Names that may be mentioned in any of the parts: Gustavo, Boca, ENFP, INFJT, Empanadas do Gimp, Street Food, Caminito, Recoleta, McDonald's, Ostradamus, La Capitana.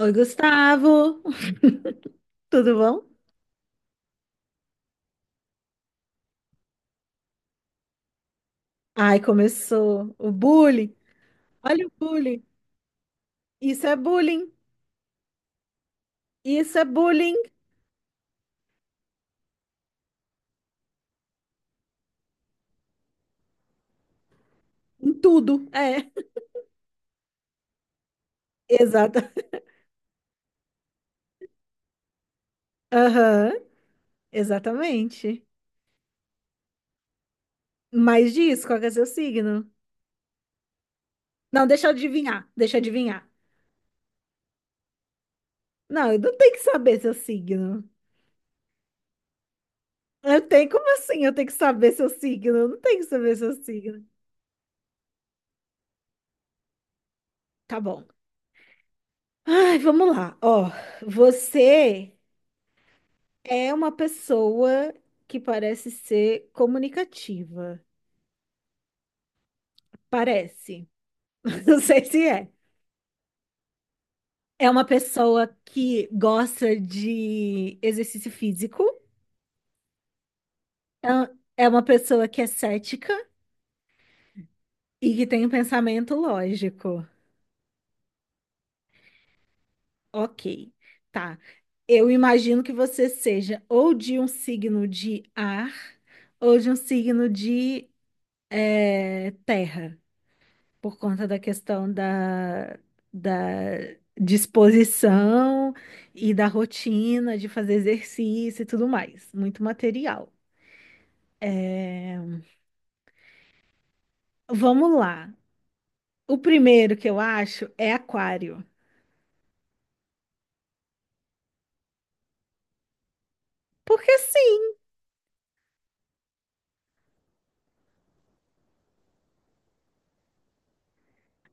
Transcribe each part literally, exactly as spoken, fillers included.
Oi, Gustavo! Tudo bom? Ai, começou o bullying. Olha o bullying. Isso é bullying. Isso é bullying em tudo. É. Exata. Aham, exatamente. Mais disso, qual que é seu signo? Não, deixa eu adivinhar. Deixa eu adivinhar. Não, eu não tenho que saber seu signo. Eu tenho, como assim? Eu tenho que saber seu signo? Eu não tenho que saber seu signo. Tá bom. Ai, vamos lá. Ó, você é uma pessoa que parece ser comunicativa. Parece. Não sei se é. É uma pessoa que gosta de exercício físico. É é uma pessoa que é cética e que tem um pensamento lógico. Ok, tá. Eu imagino que você seja ou de um signo de ar ou de um signo de eh, terra. Por conta da questão da, da disposição e da rotina de fazer exercício e tudo mais. Muito material. Vamos lá. O primeiro que eu acho é aquário. Porque sim,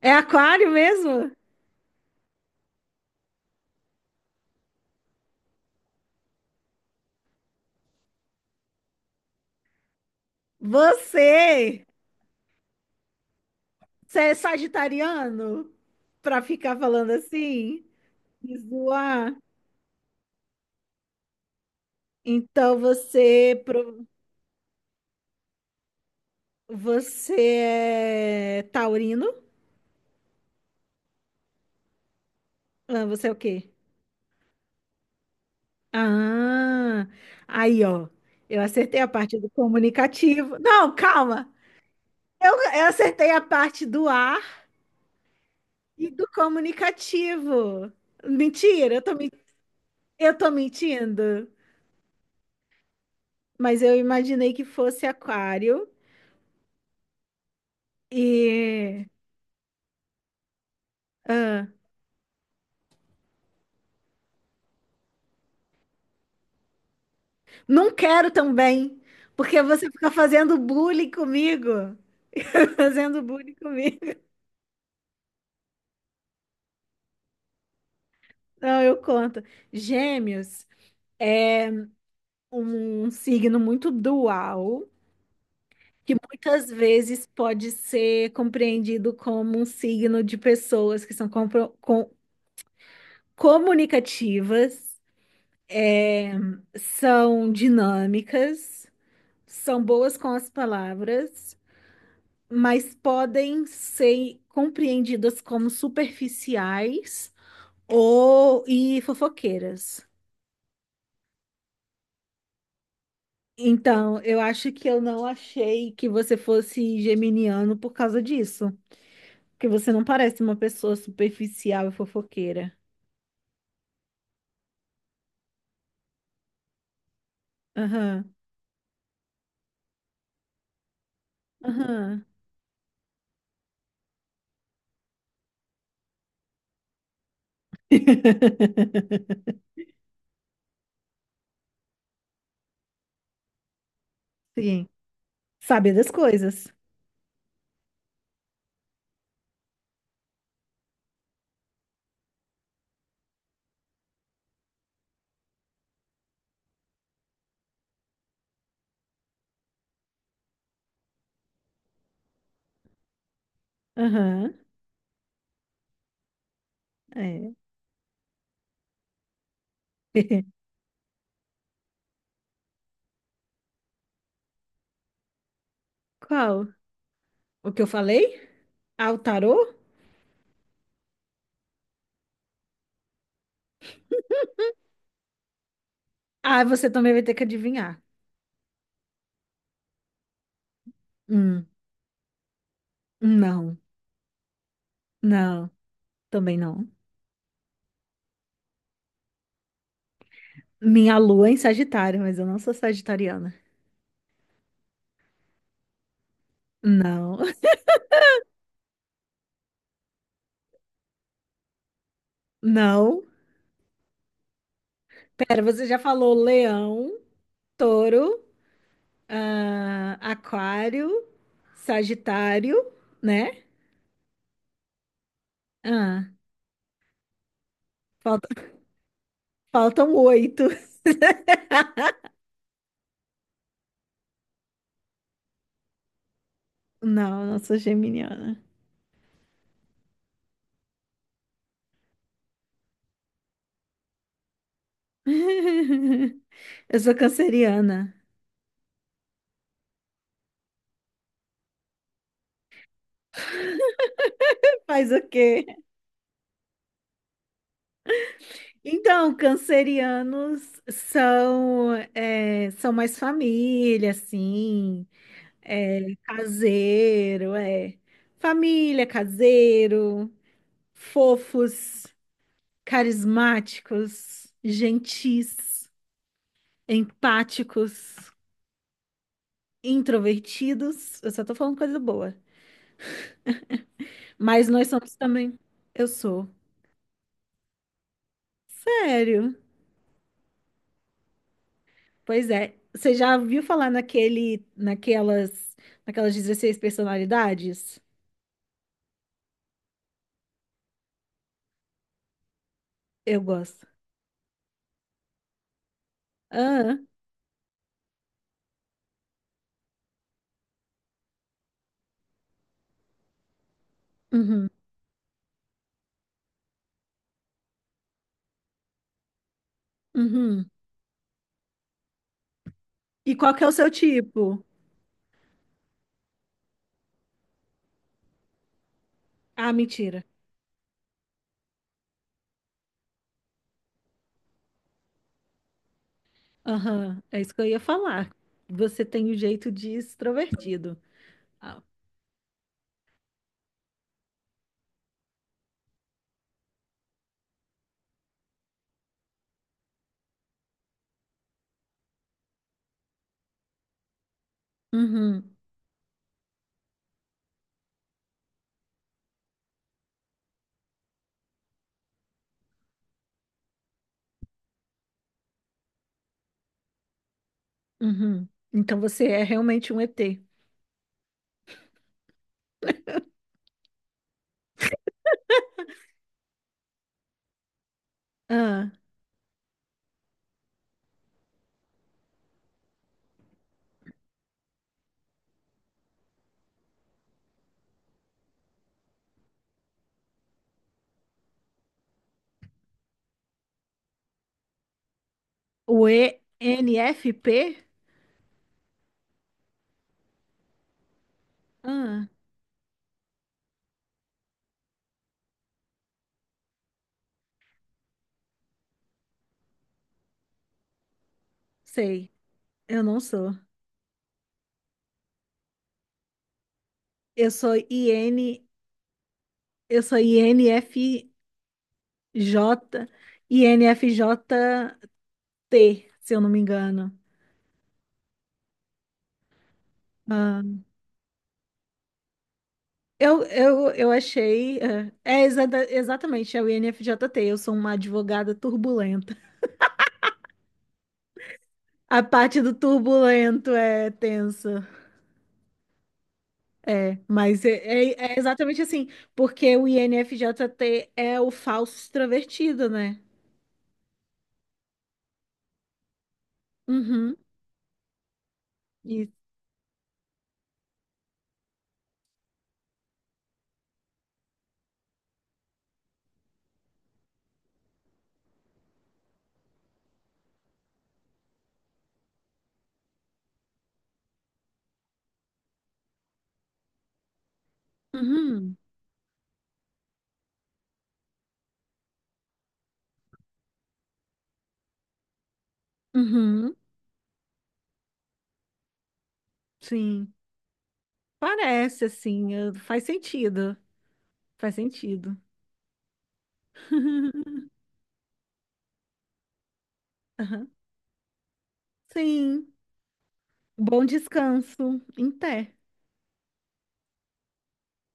é aquário mesmo? Você, você é sagitariano? Pra ficar falando assim? Me zoar? Então você, pro- você é taurino? Ah, você é o quê? Ah, aí, ó. Eu acertei a parte do comunicativo. Não, calma. Eu, eu acertei a parte do ar e do comunicativo. Mentira, eu tô, men- eu tô mentindo. Mas eu imaginei que fosse aquário e. ah, não quero também, porque você fica fazendo bullying comigo. Fazendo bullying comigo. Não, eu conto. Gêmeos é um signo muito dual. Que muitas vezes pode ser compreendido como um signo de pessoas que são compro- com- comunicativas, é, são dinâmicas, são boas com as palavras, mas podem ser compreendidas como superficiais ou e fofoqueiras. Então, eu acho que eu não achei que você fosse geminiano por causa disso, porque você não parece uma pessoa superficial e fofoqueira. Aham, aham. Sim. Sabe das coisas. Aham, é. Qual? O que eu falei? Ah, o tarô? Ah, você também vai ter que adivinhar. Hum, não, não, também não. Minha lua é em Sagitário, mas eu não sou sagitariana. Não, não. Pera, você já falou leão, touro, ah, aquário, sagitário, né? Ah, falta, faltam oito. Não, não sou geminiana. Eu sou canceriana. Faz o quê? Então, cancerianos são, é, são mais família, assim, é, caseiro, é. Família, caseiro, fofos, carismáticos, gentis, empáticos, introvertidos. Eu só tô falando coisa boa. Mas nós somos também. Eu sou. Sério? Pois é. Você já ouviu falar naquele, naquelas, naquelas dezesseis personalidades? Eu gosto. Ah, uhum, uhum. E qual que é o seu tipo? Ah, mentira. Aham, é isso que eu ia falar. Você tem o jeito de extrovertido. Ah, uhum, uhum. Então você é realmente um E T. Ah, o E N F P? Ah, sei. Eu não sou. Eu sou I N, eu sou I N F, J-I N F J T, se eu não me engano. Ah, eu, eu, eu achei. ah, É, exata- exatamente, é o I N F J T. Eu sou uma advogada turbulenta. A parte do turbulento é tensa. É, mas é, é- é exatamente assim. Porque o I N F J T é o falso extrovertido, né? Uhum. Isso. Uhum. Uhum. Sim. Parece assim. eh, Faz sentido. Faz sentido. Aham. Sim. Bom descanso. Em pé.